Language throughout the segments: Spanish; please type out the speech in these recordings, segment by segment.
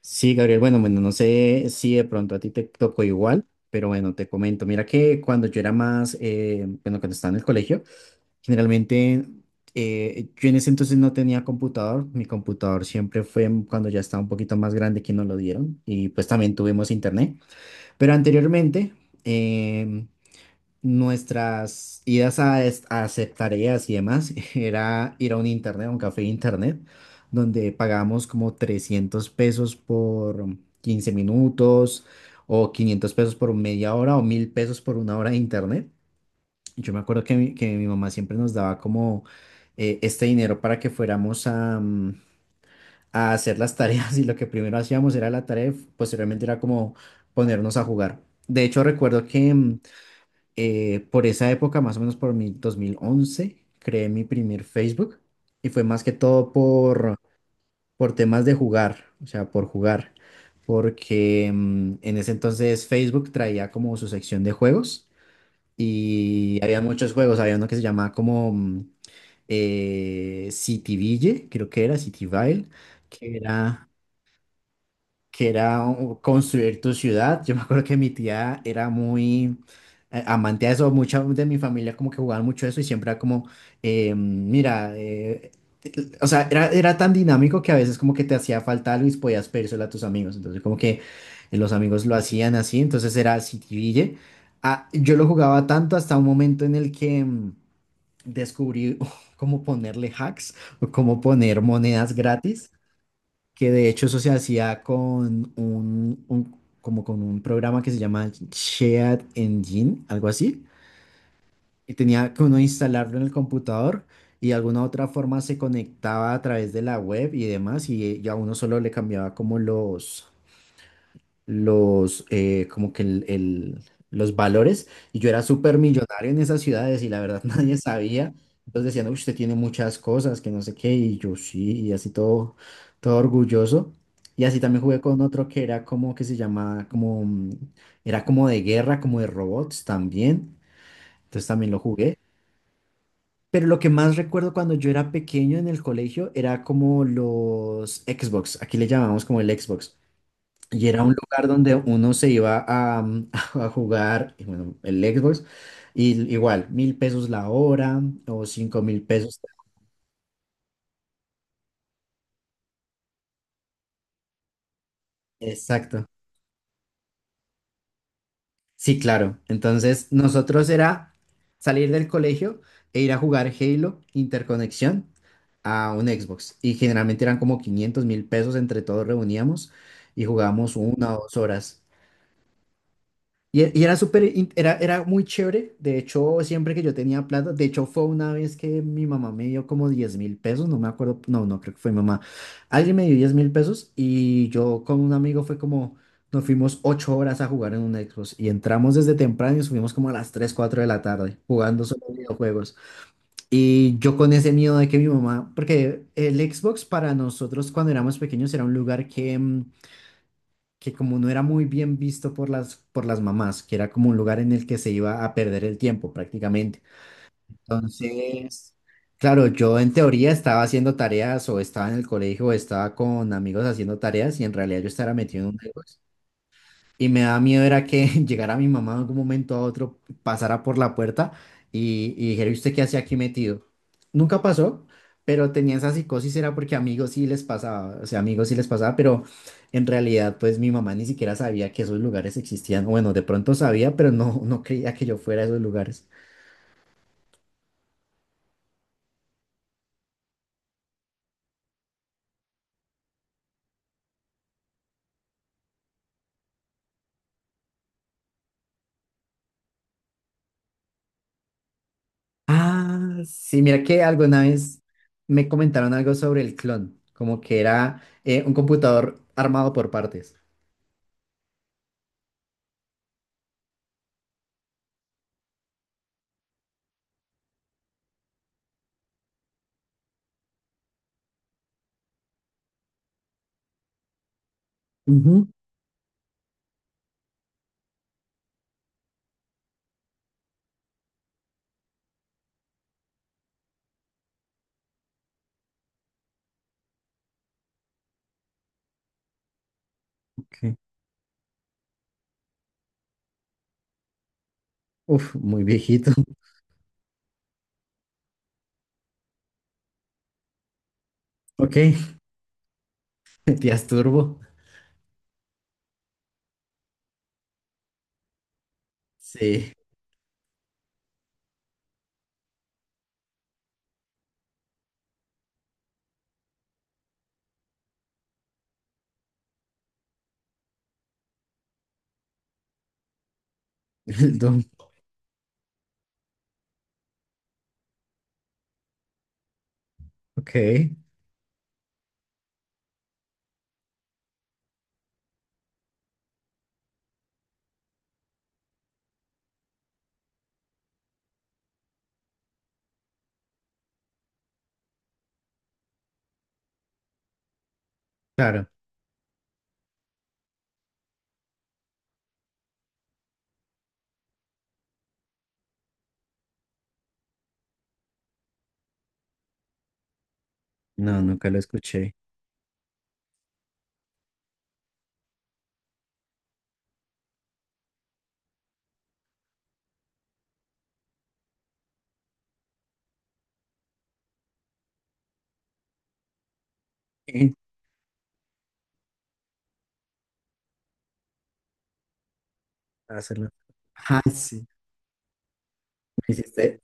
Sí, Gabriel, bueno, bueno, no sé si de pronto a ti te tocó igual, pero bueno, te comento, mira que cuando yo era más, bueno, cuando estaba en el colegio, generalmente, yo en ese entonces no tenía computador. Mi computador siempre fue cuando ya estaba un poquito más grande, que nos lo dieron, y pues también tuvimos internet. Pero anteriormente, em, nuestras idas a hacer tareas y demás era ir a un internet, a un café de internet, donde pagábamos como 300 pesos por 15 minutos, o 500 pesos por media hora, o 1000 pesos por una hora de internet. Yo me acuerdo que que mi mamá siempre nos daba como, este dinero para que fuéramos a hacer las tareas, y lo que primero hacíamos era la tarea, y posteriormente era como ponernos a jugar. De hecho, recuerdo que, por esa época, más o menos por mi 2011, creé mi primer Facebook. Y fue más que todo por temas de jugar, o sea, por jugar, porque en ese entonces Facebook traía como su sección de juegos. Y había muchos juegos, había uno que se llamaba como, Cityville, creo que era Cityville, que era que era construir tu ciudad. Yo me acuerdo que mi tía era muy amante de eso. Mucha de mi familia como que jugaban mucho eso, y siempre era como, mira, te- o sea, era tan dinámico que a veces como que te hacía falta algo, y podías pedírselo a tus amigos. Entonces como que, los amigos lo hacían así. Entonces era Citiville. Ah, yo lo jugaba tanto hasta un momento en el que descubrí cómo ponerle hacks o cómo poner monedas gratis, que de hecho eso se hacía con un- como con un programa que se llama Shared Engine, algo así. Y tenía que uno instalarlo en el computador, y de alguna otra forma se conectaba a través de la web y demás, y a uno solo le cambiaba como los, como que el- los valores, y yo era súper millonario en esas ciudades, y la verdad nadie sabía. Entonces decían: "Uy, usted tiene muchas cosas, que no sé qué", y yo sí, y así todo, todo orgulloso. Y así también jugué con otro que era como que se llamaba, era como de guerra, como de robots también. Entonces también lo jugué. Pero lo que más recuerdo cuando yo era pequeño en el colegio era como los Xbox. Aquí le llamamos como el Xbox. Y era un lugar donde uno se iba a, a jugar. Y bueno, el Xbox. Y igual, 1000 pesos la hora, o 5000 pesos. Exacto. Sí, claro. Entonces, nosotros era salir del colegio e ir a jugar Halo Interconexión a un Xbox. Y generalmente eran como 500.000 pesos, entre todos reuníamos, y jugábamos una o dos horas. Y era súper, era muy chévere. De hecho, siempre que yo tenía plata, de hecho fue una vez que mi mamá me dio como 10.000 pesos, no me acuerdo, no, no creo que fue mi mamá. Alguien me dio 10.000 pesos, y yo con un amigo fue como, nos fuimos 8 horas a jugar en un Xbox, y entramos desde temprano y subimos como a las tres, 4 de la tarde, jugando solo videojuegos. Y yo con ese miedo de que mi mamá, porque el Xbox para nosotros cuando éramos pequeños era un lugar que, que como no era muy bien visto por las mamás, que era como un lugar en el que se iba a perder el tiempo prácticamente. Entonces, claro, yo en teoría estaba haciendo tareas, o estaba en el colegio, o estaba con amigos haciendo tareas, y en realidad yo estaba metido en un negocio. Y me daba miedo era que llegara mi mamá en algún momento a otro, pasara por la puerta y dijera: "¿Y usted qué hacía aquí metido?". Nunca pasó, pero tenía esa psicosis, era porque amigos sí les pasaba, o sea, amigos sí les pasaba, pero en realidad pues mi mamá ni siquiera sabía que esos lugares existían. Bueno, de pronto sabía, pero no, no creía que yo fuera a esos lugares. Ah, sí, mira que alguna vez me comentaron algo sobre el clon, como que era, un computador armado por partes. Ujú. Ok. Uf, muy viejito. Ok. Tías Turbo. Sí, el Doom. Ok, claro. No, nunca lo escuché. Eh, Hacerlo. Ay, sí. Me hiciste,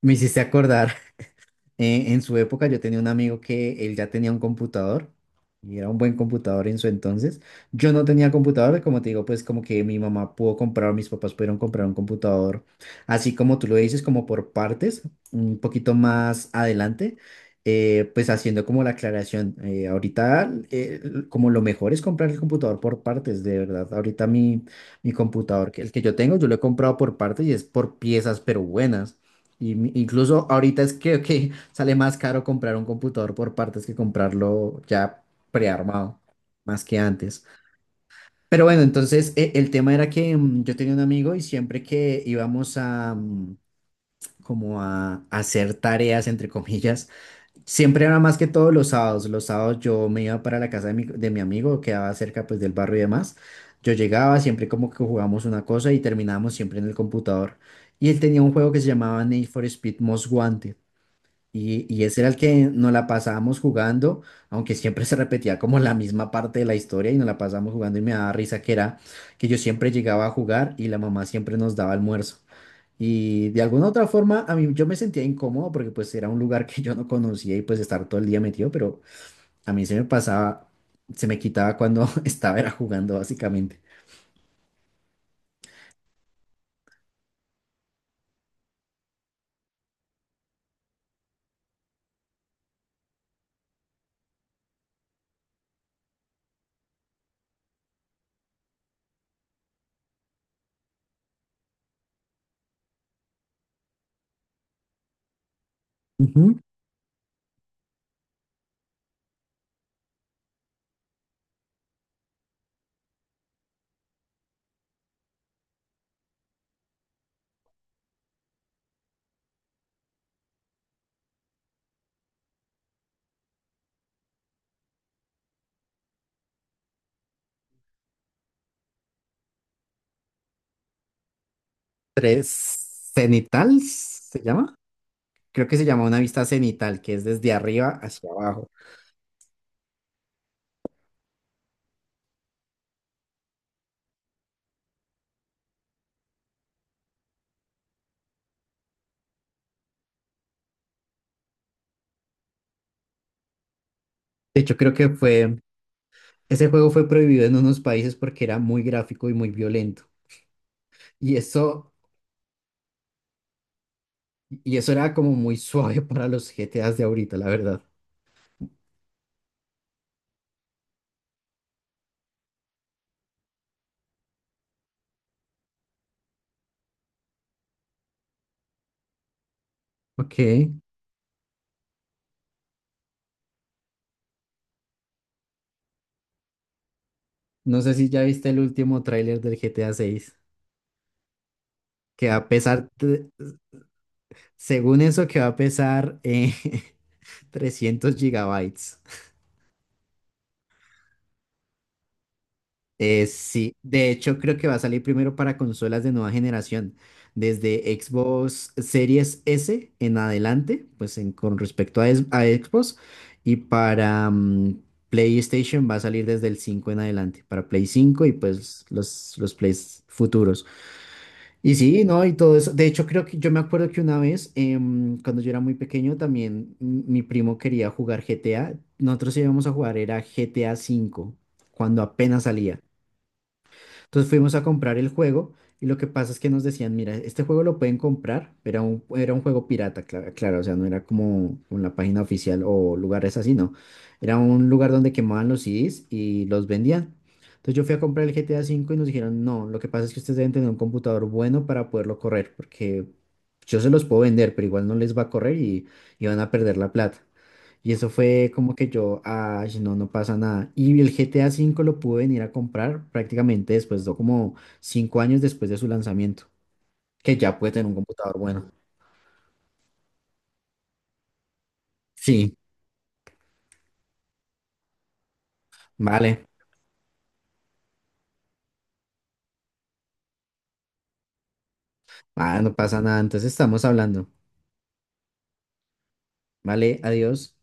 me hiciste acordar. En su época yo tenía un amigo que él ya tenía un computador, y era un buen computador en su entonces. Yo no tenía computador, como te digo, pues como que mi mamá pudo comprar, mis papás pudieron comprar un computador, así como tú lo dices, como por partes, un poquito más adelante. Pues haciendo como la aclaración: ahorita, como lo mejor es comprar el computador por partes, de verdad. Ahorita mi computador, que el que yo tengo, yo lo he comprado por partes y es por piezas, pero buenas. Y incluso ahorita es que sale más caro comprar un computador por partes, que comprarlo ya prearmado, más que antes. Pero bueno, entonces el tema era que, yo tenía un amigo, y siempre que íbamos a, como a hacer tareas, entre comillas, siempre era más que todos los sábados. Los sábados yo me iba para la casa de mi amigo, quedaba cerca pues del barrio y demás. Yo llegaba, siempre como que jugábamos una cosa, y terminábamos siempre en el computador. Y él tenía un juego que se llamaba Need for Speed Most Wanted. Y ese era el que nos la pasábamos jugando, aunque siempre se repetía como la misma parte de la historia, y nos la pasábamos jugando. Y me daba risa que era que yo siempre llegaba a jugar, y la mamá siempre nos daba almuerzo. Y de alguna otra forma a mí yo me sentía incómodo, porque pues era un lugar que yo no conocía, y pues estar todo el día metido, pero a mí se me pasaba, se me quitaba cuando estaba era jugando básicamente. Ujú. Tres cenital se llama. Creo que se llama una vista cenital, que es desde arriba hacia abajo. De hecho, creo que fue. Ese juego fue prohibido en unos países porque era muy gráfico y muy violento. Y eso, y eso era como muy suave para los GTAs de ahorita, la verdad. Ok. No sé si ya viste el último tráiler del GTA seis, que va a pesar, según eso, que va a pesar, 300 gigabytes. Sí, de hecho creo que va a salir primero para consolas de nueva generación, desde Xbox Series S en adelante, pues con respecto a Xbox. Y para PlayStation va a salir desde el 5 en adelante, para Play cinco, y pues los Plays futuros. Y sí, ¿no? Y todo eso. De hecho creo que yo me acuerdo que una vez, cuando yo era muy pequeño, también, mi primo quería jugar GTA, nosotros íbamos a jugar, era GTA cinco, cuando apenas salía. Entonces fuimos a comprar el juego, y lo que pasa es que nos decían, mira, este juego lo pueden comprar, pero era un juego pirata, claro, o sea, no era como en la página oficial o lugares así, no. Era un lugar donde quemaban los CDs y los vendían. Entonces yo fui a comprar el GTA cinco, y nos dijeron: no, lo que pasa es que ustedes deben tener un computador bueno para poderlo correr, porque yo se los puedo vender, pero igual no les va a correr, y van a perder la plata. Y eso fue como que yo, ay, no, no pasa nada. Y el GTA V lo pude venir a comprar prácticamente después, de como 5 años después de su lanzamiento, que ya puede tener un computador bueno. Sí, vale, ah, no pasa nada. Entonces estamos hablando. Vale, adiós.